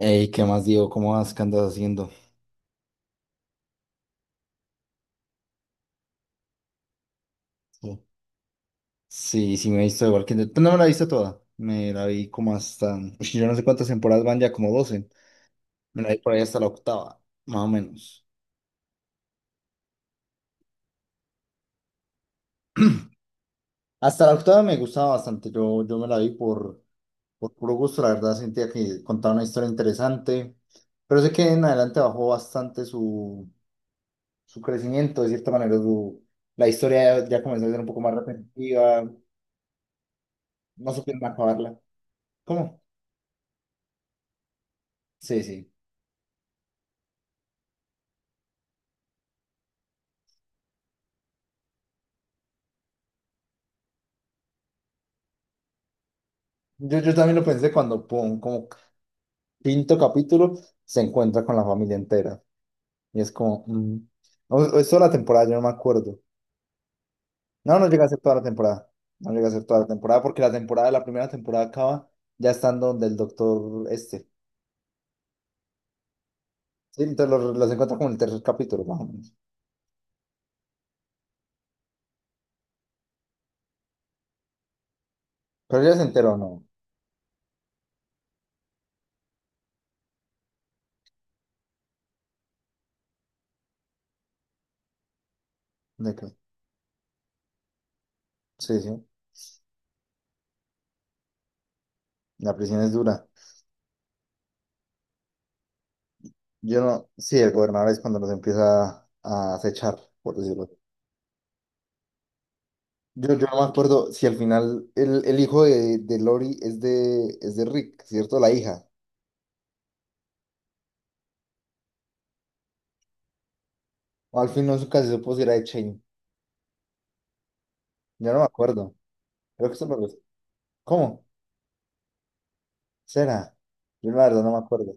Ey, ¿qué más digo? ¿Cómo vas? ¿Qué andas haciendo? Sí. Sí, sí, me he visto igual que pues no me la he visto toda. Me la vi como hasta. Ush, yo no sé cuántas temporadas van ya, como 12. Me la vi por ahí hasta la octava, más o menos. Hasta la octava me gustaba bastante. Yo me la vi por puro gusto. La verdad sentía que contaba una historia interesante. Pero sé que en adelante bajó bastante su, su crecimiento, de cierta manera. La historia ya comenzó a ser un poco más repetitiva. No supieron acabarla. ¿Cómo? Sí, sí. Yo también lo pensé cuando, pum, como quinto capítulo, se encuentra con la familia entera. Y es como, o es toda la temporada, yo no me acuerdo. No, no llega a ser toda la temporada. No llega a ser toda la temporada porque la temporada, la primera temporada acaba ya estando donde el doctor este. Sí, entonces los encuentra como en el tercer capítulo, más o menos. Pero ya se enteró, ¿no? De que, sí, sí, la prisión es dura. Yo no, sí, el gobernador es cuando los empieza a acechar, por decirlo. Yo no me acuerdo si al final el hijo de Lori es de Rick, ¿cierto? La hija. O al fin no nunca se supo si era de Shane. Yo no me acuerdo. Creo que eso lo… ¿Cómo? ¿Será? Yo la verdad no me acuerdo.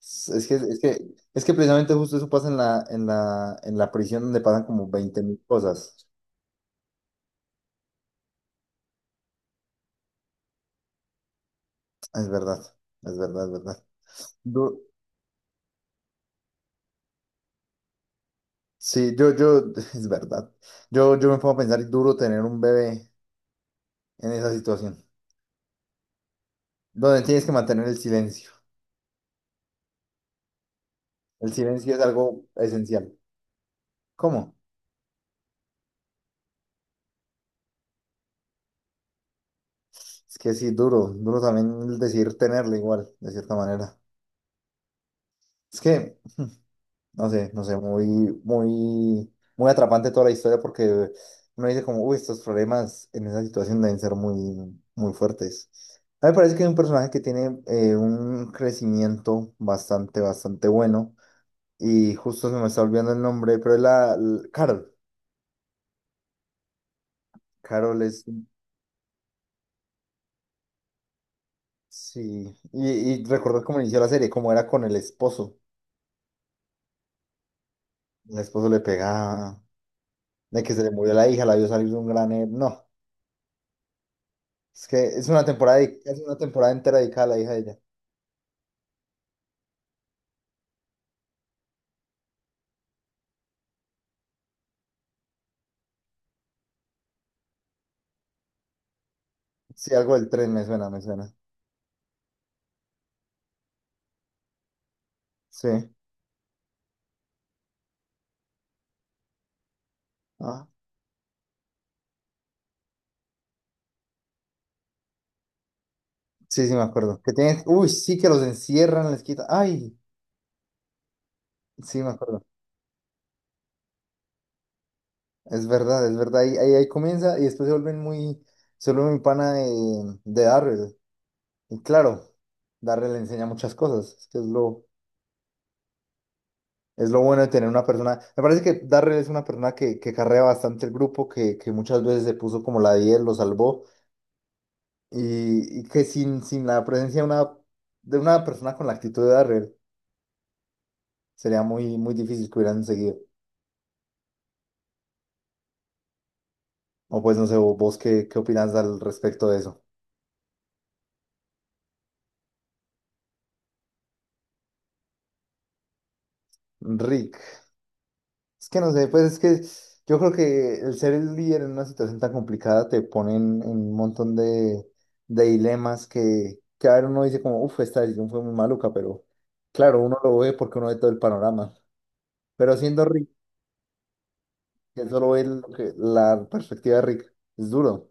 Es es que, es que, es que precisamente justo eso pasa en la prisión donde pasan como veinte mil cosas. Es verdad, es verdad, es verdad. Du- sí, es verdad. Yo me pongo a pensar, duro tener un bebé en esa situación, donde tienes que mantener el silencio. El silencio es algo esencial. ¿Cómo? Es que sí, duro, duro también el decir tenerlo igual, de cierta manera. Es que, no sé, no sé, muy, muy, muy atrapante toda la historia porque uno dice como, uy, estos problemas en esa situación deben ser muy, muy fuertes. A mí me parece que es un personaje que tiene un crecimiento bastante, bastante bueno y justo se me está olvidando el nombre, pero es la Carol. Carol es, sí, y recordar cómo inició la serie, cómo era con el esposo. El esposo le pegaba, de que se le murió la hija, la vio salir de un gran… No, es que es una temporada, de- es una temporada entera dedicada a la hija de ella. Sí, algo del tren me suena, me suena. Sí. Ah, sí, sí, me acuerdo. Que tienen… Uy, sí, que los encierran, les quitan… Ay, sí, me acuerdo. Es verdad, es verdad. Ahí comienza y después se vuelven muy… Se vuelve muy pana de Darryl. Y claro, Darryl le enseña muchas cosas. Es que es lo, es lo bueno de tener una persona. Me parece que Darrell es una persona que carrea bastante el grupo, que muchas veces se puso como la 10, lo salvó. Y que sin, sin la presencia de una persona con la actitud de Darrell, sería muy, muy difícil que hubieran seguido. O pues no sé, vos qué, qué opinas al respecto de eso. Rick. Es que no sé, pues es que yo creo que el ser el líder en una situación tan complicada te pone en un montón de dilemas que a ver uno dice como, uff, esta decisión fue muy maluca, pero claro, uno lo ve porque uno ve todo el panorama. Pero siendo Rick, que solo ve lo que, la perspectiva de Rick, es duro,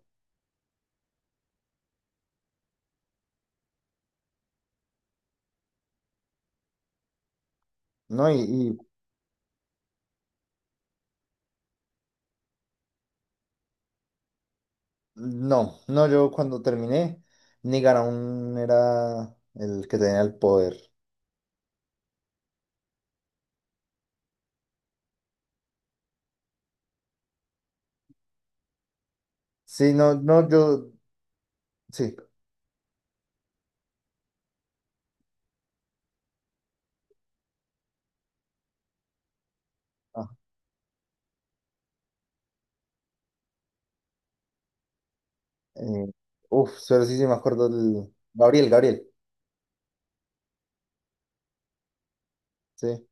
¿no? Y no, no, yo cuando terminé, Negan aún era el que tenía el poder. Sí, no, no, yo, sí. Eh, uf, solo sí, sí me acuerdo del… Gabriel, Gabriel, sí.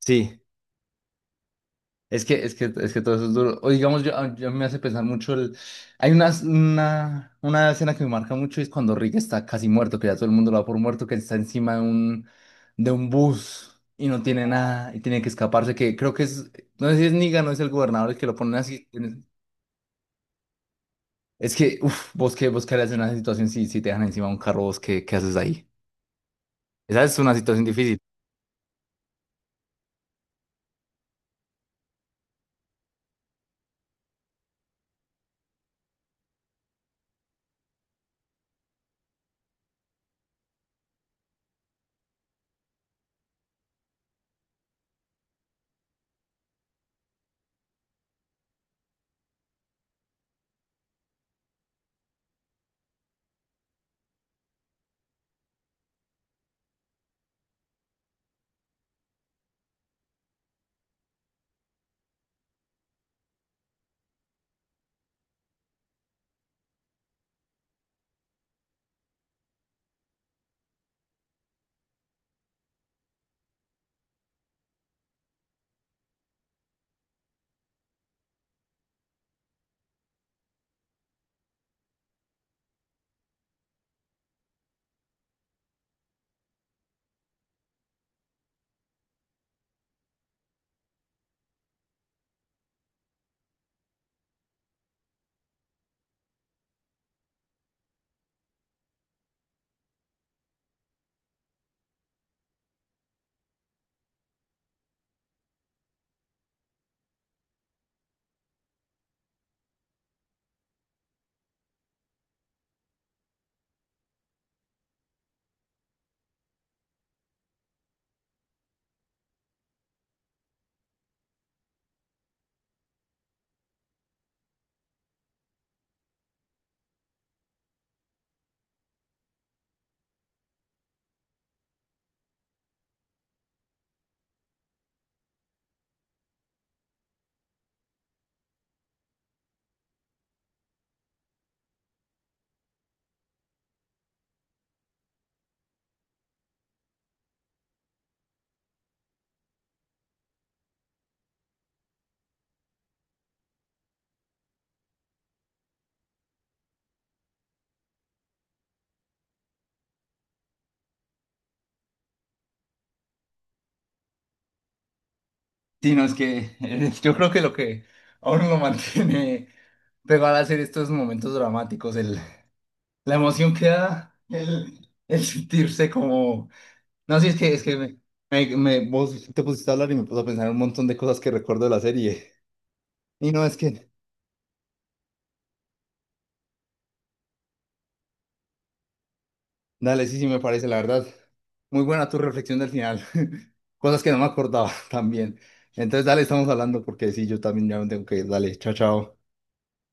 Sí, es que todo eso es duro. O digamos, yo, a- yo me hace pensar mucho el… Hay una escena que me marca mucho y es cuando Rick está casi muerto, que ya todo el mundo lo da por muerto, que está encima de un bus y no tiene nada y tiene que escaparse, que creo que es… No sé si es Negan no es el gobernador el que lo ponen así. Es que, uff, vos qué harías en una situación si te dejan encima de un carro, vos qué haces ahí. Esa es una situación difícil. Sí, no, es que yo creo que lo que aún lo mantiene pegado a hacer estos momentos dramáticos, el, la emoción que da, el sentirse como… No, sí, es que vos te pusiste a hablar y me puse a pensar un montón de cosas que recuerdo de la serie. Y no, es que, dale, sí, sí, me parece, la verdad. Muy buena tu reflexión del final. Cosas que no me acordaba también. Entonces, dale, estamos hablando porque sí, yo también ya me tengo que ir. Dale, chao, chao.